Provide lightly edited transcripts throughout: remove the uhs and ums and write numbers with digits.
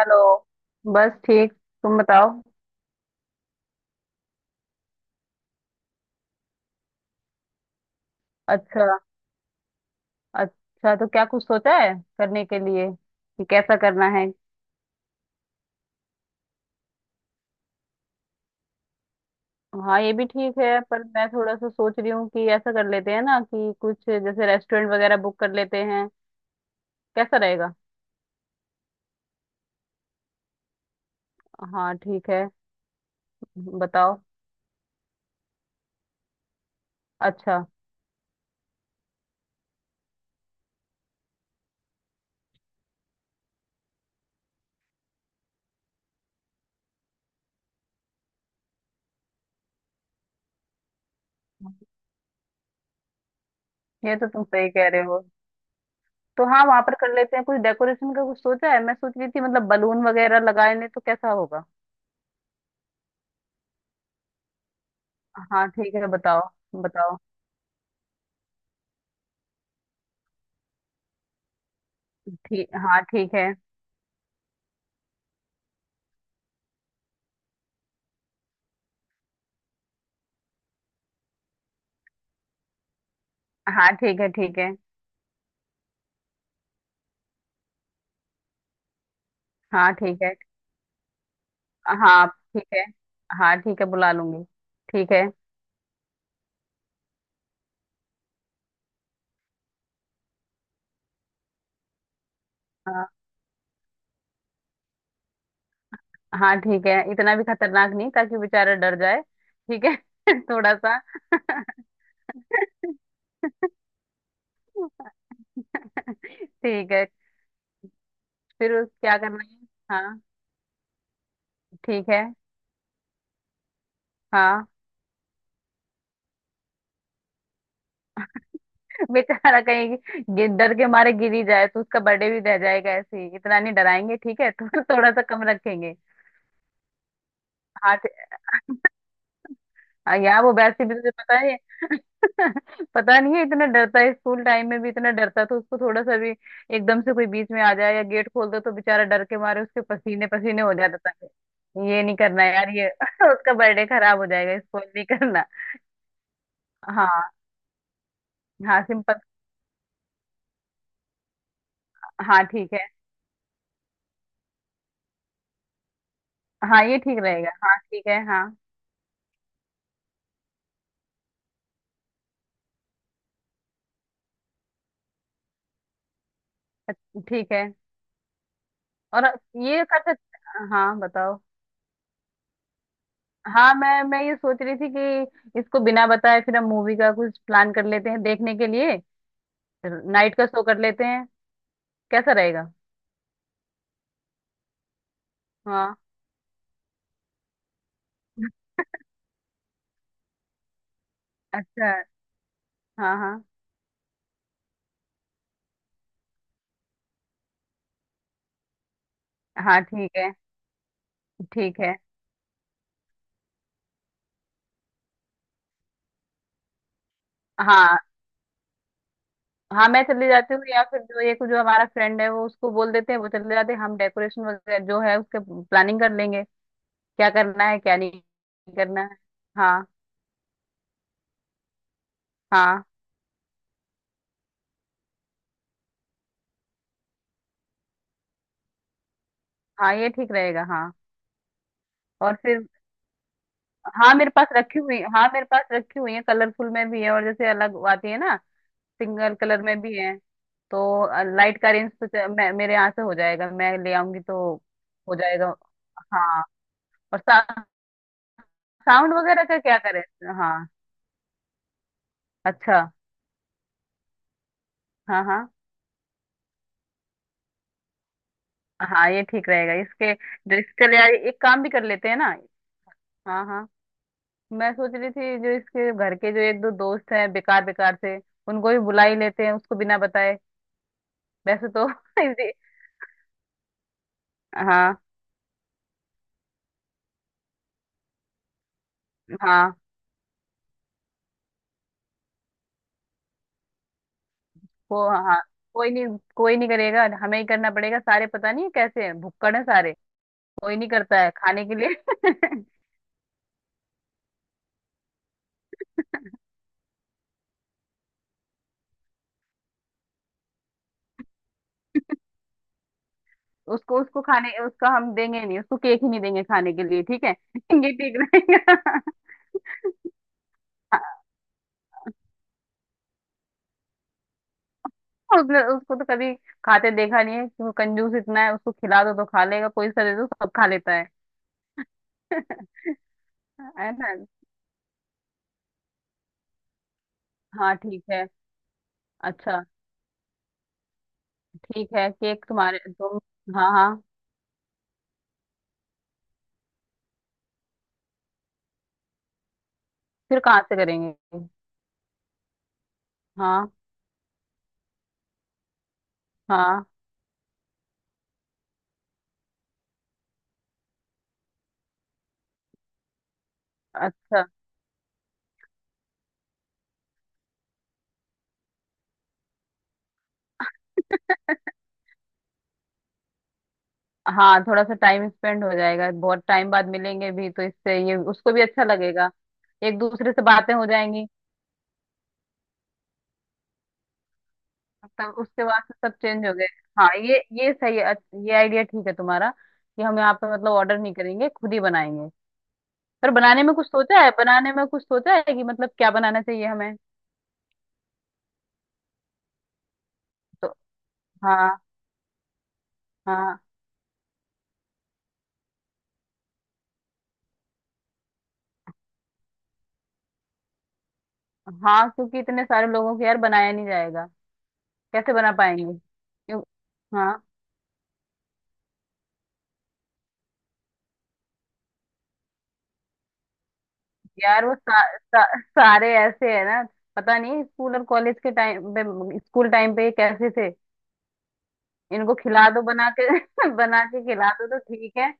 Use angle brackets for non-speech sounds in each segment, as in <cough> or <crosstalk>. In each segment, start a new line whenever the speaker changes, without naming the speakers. Hello. बस ठीक तुम बताओ। अच्छा। अच्छा, तो क्या कुछ सोचा है करने के लिए कि कैसा करना है? हाँ ये भी ठीक है, पर मैं थोड़ा सा सोच रही हूँ कि ऐसा कर लेते हैं ना कि कुछ जैसे रेस्टोरेंट वगैरह बुक कर लेते हैं। कैसा रहेगा? हाँ ठीक है, बताओ। अच्छा। ये तो तुम सही कह रहे हो। तो हाँ, वहां पर कर लेते हैं। कुछ डेकोरेशन का कुछ सोचा है? मैं सोच रही थी, मतलब बलून वगैरह लगाए लें तो कैसा होगा? हाँ ठीक है, बताओ। बताओ। ठीक, हाँ ठीक है। हाँ ठीक है। ठीक है। हाँ ठीक है। हाँ ठीक है। हाँ ठीक है, बुला लूंगी। ठीक है। हाँ। हाँ ठीक है, इतना भी खतरनाक नहीं ताकि बेचारा डर जाए। ठीक है। <laughs> थोड़ा सा। <laughs> ठीक है। फिर उस क्या करना है? हाँ। ठीक है। हाँ। <laughs> बेचारा कहीं डर के मारे गिर ही जाए तो उसका बर्थडे भी रह जाएगा। ऐसे ही इतना नहीं डराएंगे, ठीक है? <laughs> तो थोड़ा सा कम रखेंगे। हाँ ठीक- आ यार, वो वैसे भी तुझे पता है। <laughs> पता नहीं है, इतना डरता है। स्कूल टाइम में भी इतना डरता था, उसको थोड़ा सा भी एकदम से कोई बीच में आ जाए या गेट खोल दो तो बेचारा डर के मारे उसके पसीने पसीने हो जाता था। ये नहीं करना यार, ये <laughs> उसका बर्थडे खराब हो जाएगा। इसको नहीं करना। हाँ। हाँ सिंपल। हाँ ठीक है। हाँ ये ठीक रहेगा। हाँ ठीक है। हाँ। अच्छा, ठीक है। और ये कर सकते। हाँ बताओ। हाँ, मैं ये सोच रही थी कि इसको बिना बताए फिर हम मूवी का कुछ प्लान कर लेते हैं देखने के लिए। फिर नाइट का शो कर लेते हैं। कैसा रहेगा? हाँ। अच्छा। हाँ। हाँ। हाँ ठीक है। ठीक है। हाँ। हाँ मैं चली जाती हूँ, या फिर जो ये जो हमारा फ्रेंड है वो उसको बोल देते हैं, वो चले जाते हैं, हम डेकोरेशन वगैरह जो है उसके प्लानिंग कर लेंगे। क्या करना है क्या नहीं करना है। हाँ। हाँ। हाँ ये ठीक रहेगा। हाँ और फिर हाँ, मेरे पास रखी हुई है। कलरफुल में भी है और जैसे अलग आती है ना, सिंगल कलर में भी है। तो लाइट का रेंज तो मेरे यहाँ से हो जाएगा, मैं ले आऊंगी। तो हो जाएगा। हाँ। और साउंड वगैरह का क्या करें? हाँ। अच्छा। हाँ। हाँ। हाँ ये ठीक रहेगा। इसके जो, इसके लिए एक काम भी कर लेते हैं ना। हाँ। हाँ। मैं सोच रही थी जो इसके घर के जो एक दो दोस्त हैं बेकार बेकार से, उनको भी बुला ही लेते हैं उसको बिना बताए। वैसे तो <laughs> इजी- हाँ। हाँ वो हाँ। कोई नहीं करेगा, हमें ही करना पड़ेगा। सारे पता नहीं कैसे हैं, भुक्कड़ है सारे। कोई नहीं करता है खाने के लिए। <laughs> उसको उसको खाने उसका हम देंगे नहीं, उसको केक ही नहीं देंगे खाने के लिए। ठीक है? <laughs> ये ठीक रहेगा। <laughs> उसने उसको तो कभी खाते देखा नहीं है कि वो, कंजूस इतना है उसको खिला दो तो खा लेगा, कोई सा दे दो सब खा लेता है। <laughs> है ना। हाँ ठीक है। अच्छा। ठीक है, केक तुम्हारे तुम। हाँ हाँ। फिर कहाँ से करेंगे? हाँ। हाँ। अच्छा। हाँ थोड़ा सा टाइम स्पेंड हो जाएगा, बहुत टाइम बाद मिलेंगे भी, तो इससे ये उसको भी अच्छा लगेगा। एक दूसरे से बातें हो जाएंगी। तब उसके बाद से सब चेंज हो गए। हाँ, ये सही है। अच्छा, ये आइडिया ठीक है तुम्हारा, कि हम यहाँ पे मतलब ऑर्डर नहीं करेंगे, खुद ही बनाएंगे। पर बनाने में कुछ सोचा है कि मतलब क्या बनाना चाहिए हमें? तो हाँ। हाँ। हाँ, क्योंकि इतने सारे लोगों के यार बनाया नहीं जाएगा। कैसे बना पाएंगे? क्यों- हाँ। यार वो सा, सा, सारे ऐसे है ना, पता नहीं। स्कूल और कॉलेज के टाइम पे, स्कूल टाइम पे ये कैसे थे, इनको खिला दो बना के <laughs> बना के खिला दो तो ठीक है,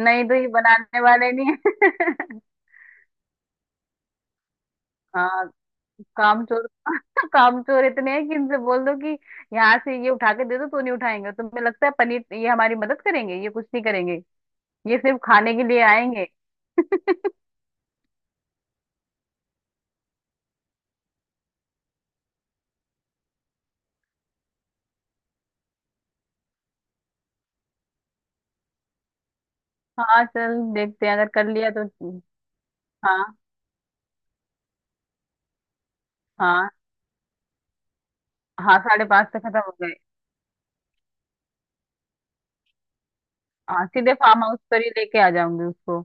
नहीं तो ये बनाने वाले नहीं है। <laughs> हाँ। काम चोर। <laughs> काम चोर इतने हैं कि इनसे बोल दो कि यहाँ से ये उठा के दे दो तो नहीं उठाएंगे। तुम्हें लगता है पनीर ये हमारी मदद करेंगे? ये कुछ नहीं करेंगे, ये सिर्फ खाने के लिए आएंगे। हाँ चल, देखते हैं अगर कर लिया तो। हाँ। हाँ। हाँ, साढ़े पाँच तक खत्म हो गए। हाँ, सीधे फार्म हाउस पर ही लेके आ जाऊंगी उसको।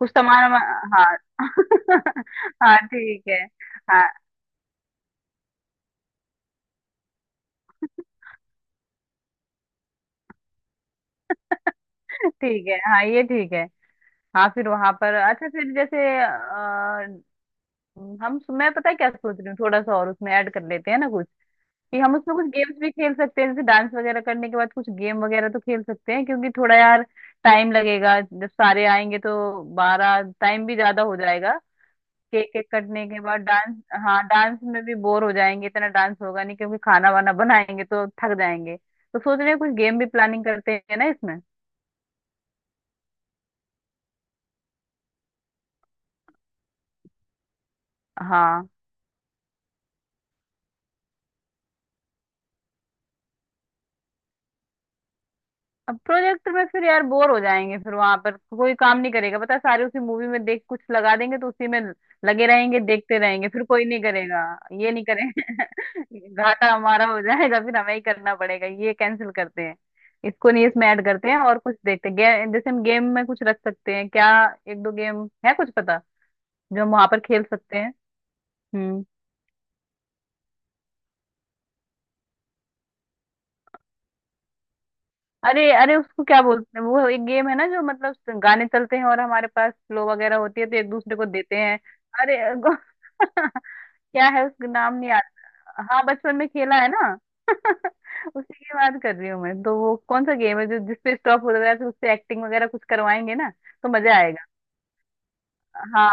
कुछ सामान वामा- हाँ। <laughs> हाँ ठीक है। हाँ ठीक है। हाँ ये ठीक है। हाँ फिर वहां पर अच्छा फिर अ, हम मैं पता है क्या सोच रही हूँ? थोड़ा सा और उसमें ऐड कर लेते हैं ना कुछ, कि हम उसमें कुछ गेम्स भी खेल सकते हैं। जैसे डांस वगैरह करने के बाद कुछ गेम वगैरह तो खेल सकते हैं, क्योंकि थोड़ा यार टाइम लगेगा, जब सारे आएंगे तो बारह टाइम भी ज्यादा हो जाएगा। केक केक कटने के बाद डांस। हाँ डांस में भी बोर हो जाएंगे, इतना डांस होगा नहीं क्योंकि खाना वाना बनाएंगे तो थक जाएंगे। तो सोच रहे हैं कुछ गेम भी प्लानिंग करते हैं ना इसमें। हाँ। अब प्रोजेक्ट में फिर यार बोर हो जाएंगे, फिर वहां पर कोई काम नहीं करेगा पता है, सारे उसी मूवी में, देख कुछ लगा देंगे तो उसी में लगे रहेंगे, देखते रहेंगे फिर कोई नहीं करेगा। ये नहीं करेंगे। <laughs> घाटा हमारा हो जाएगा, फिर हमें ही करना पड़ेगा। ये कैंसिल करते हैं, इसको नहीं, इसमें ऐड करते हैं और कुछ। जैसे हम गेम में कुछ रख सकते हैं क्या, एक दो गेम है कुछ पता जो हम वहां पर खेल सकते हैं? हम्म। अरे अरे, उसको क्या बोलते हैं, वो एक गेम है ना जो मतलब गाने चलते हैं और हमारे पास फ्लो वगैरह होती है तो एक दूसरे को देते हैं। अरे <laughs> क्या है उसका नाम, नहीं आता। हाँ बचपन में खेला है ना। <laughs> उसी की बात कर रही हूँ मैं तो। वो कौन सा गेम है जो, जिसपे स्टॉप होता है तो उससे एक्टिंग वगैरह कुछ करवाएंगे ना, तो मजा आएगा। हाँ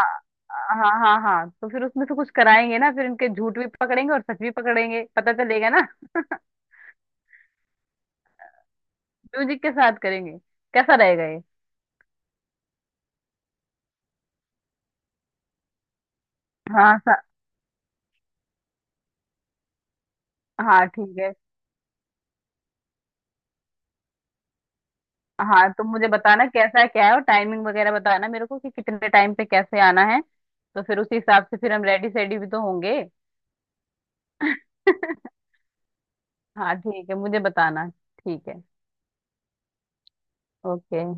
हाँ हाँ हाँ, तो फिर उसमें से कुछ कराएंगे ना, फिर इनके झूठ भी पकड़ेंगे और सच भी पकड़ेंगे, पता चलेगा ना। म्यूजिक के साथ करेंगे। कैसा रहेगा ये? हाँ सा, हाँ ठीक है। हाँ तुम मुझे बताना कैसा है क्या है, और टाइमिंग वगैरह बताना मेरे को कि कितने टाइम पे कैसे आना है, तो फिर उसी हिसाब से फिर हम रेडी सेडी भी तो होंगे। <laughs> हाँ ठीक है, मुझे बताना। ठीक है। ओके।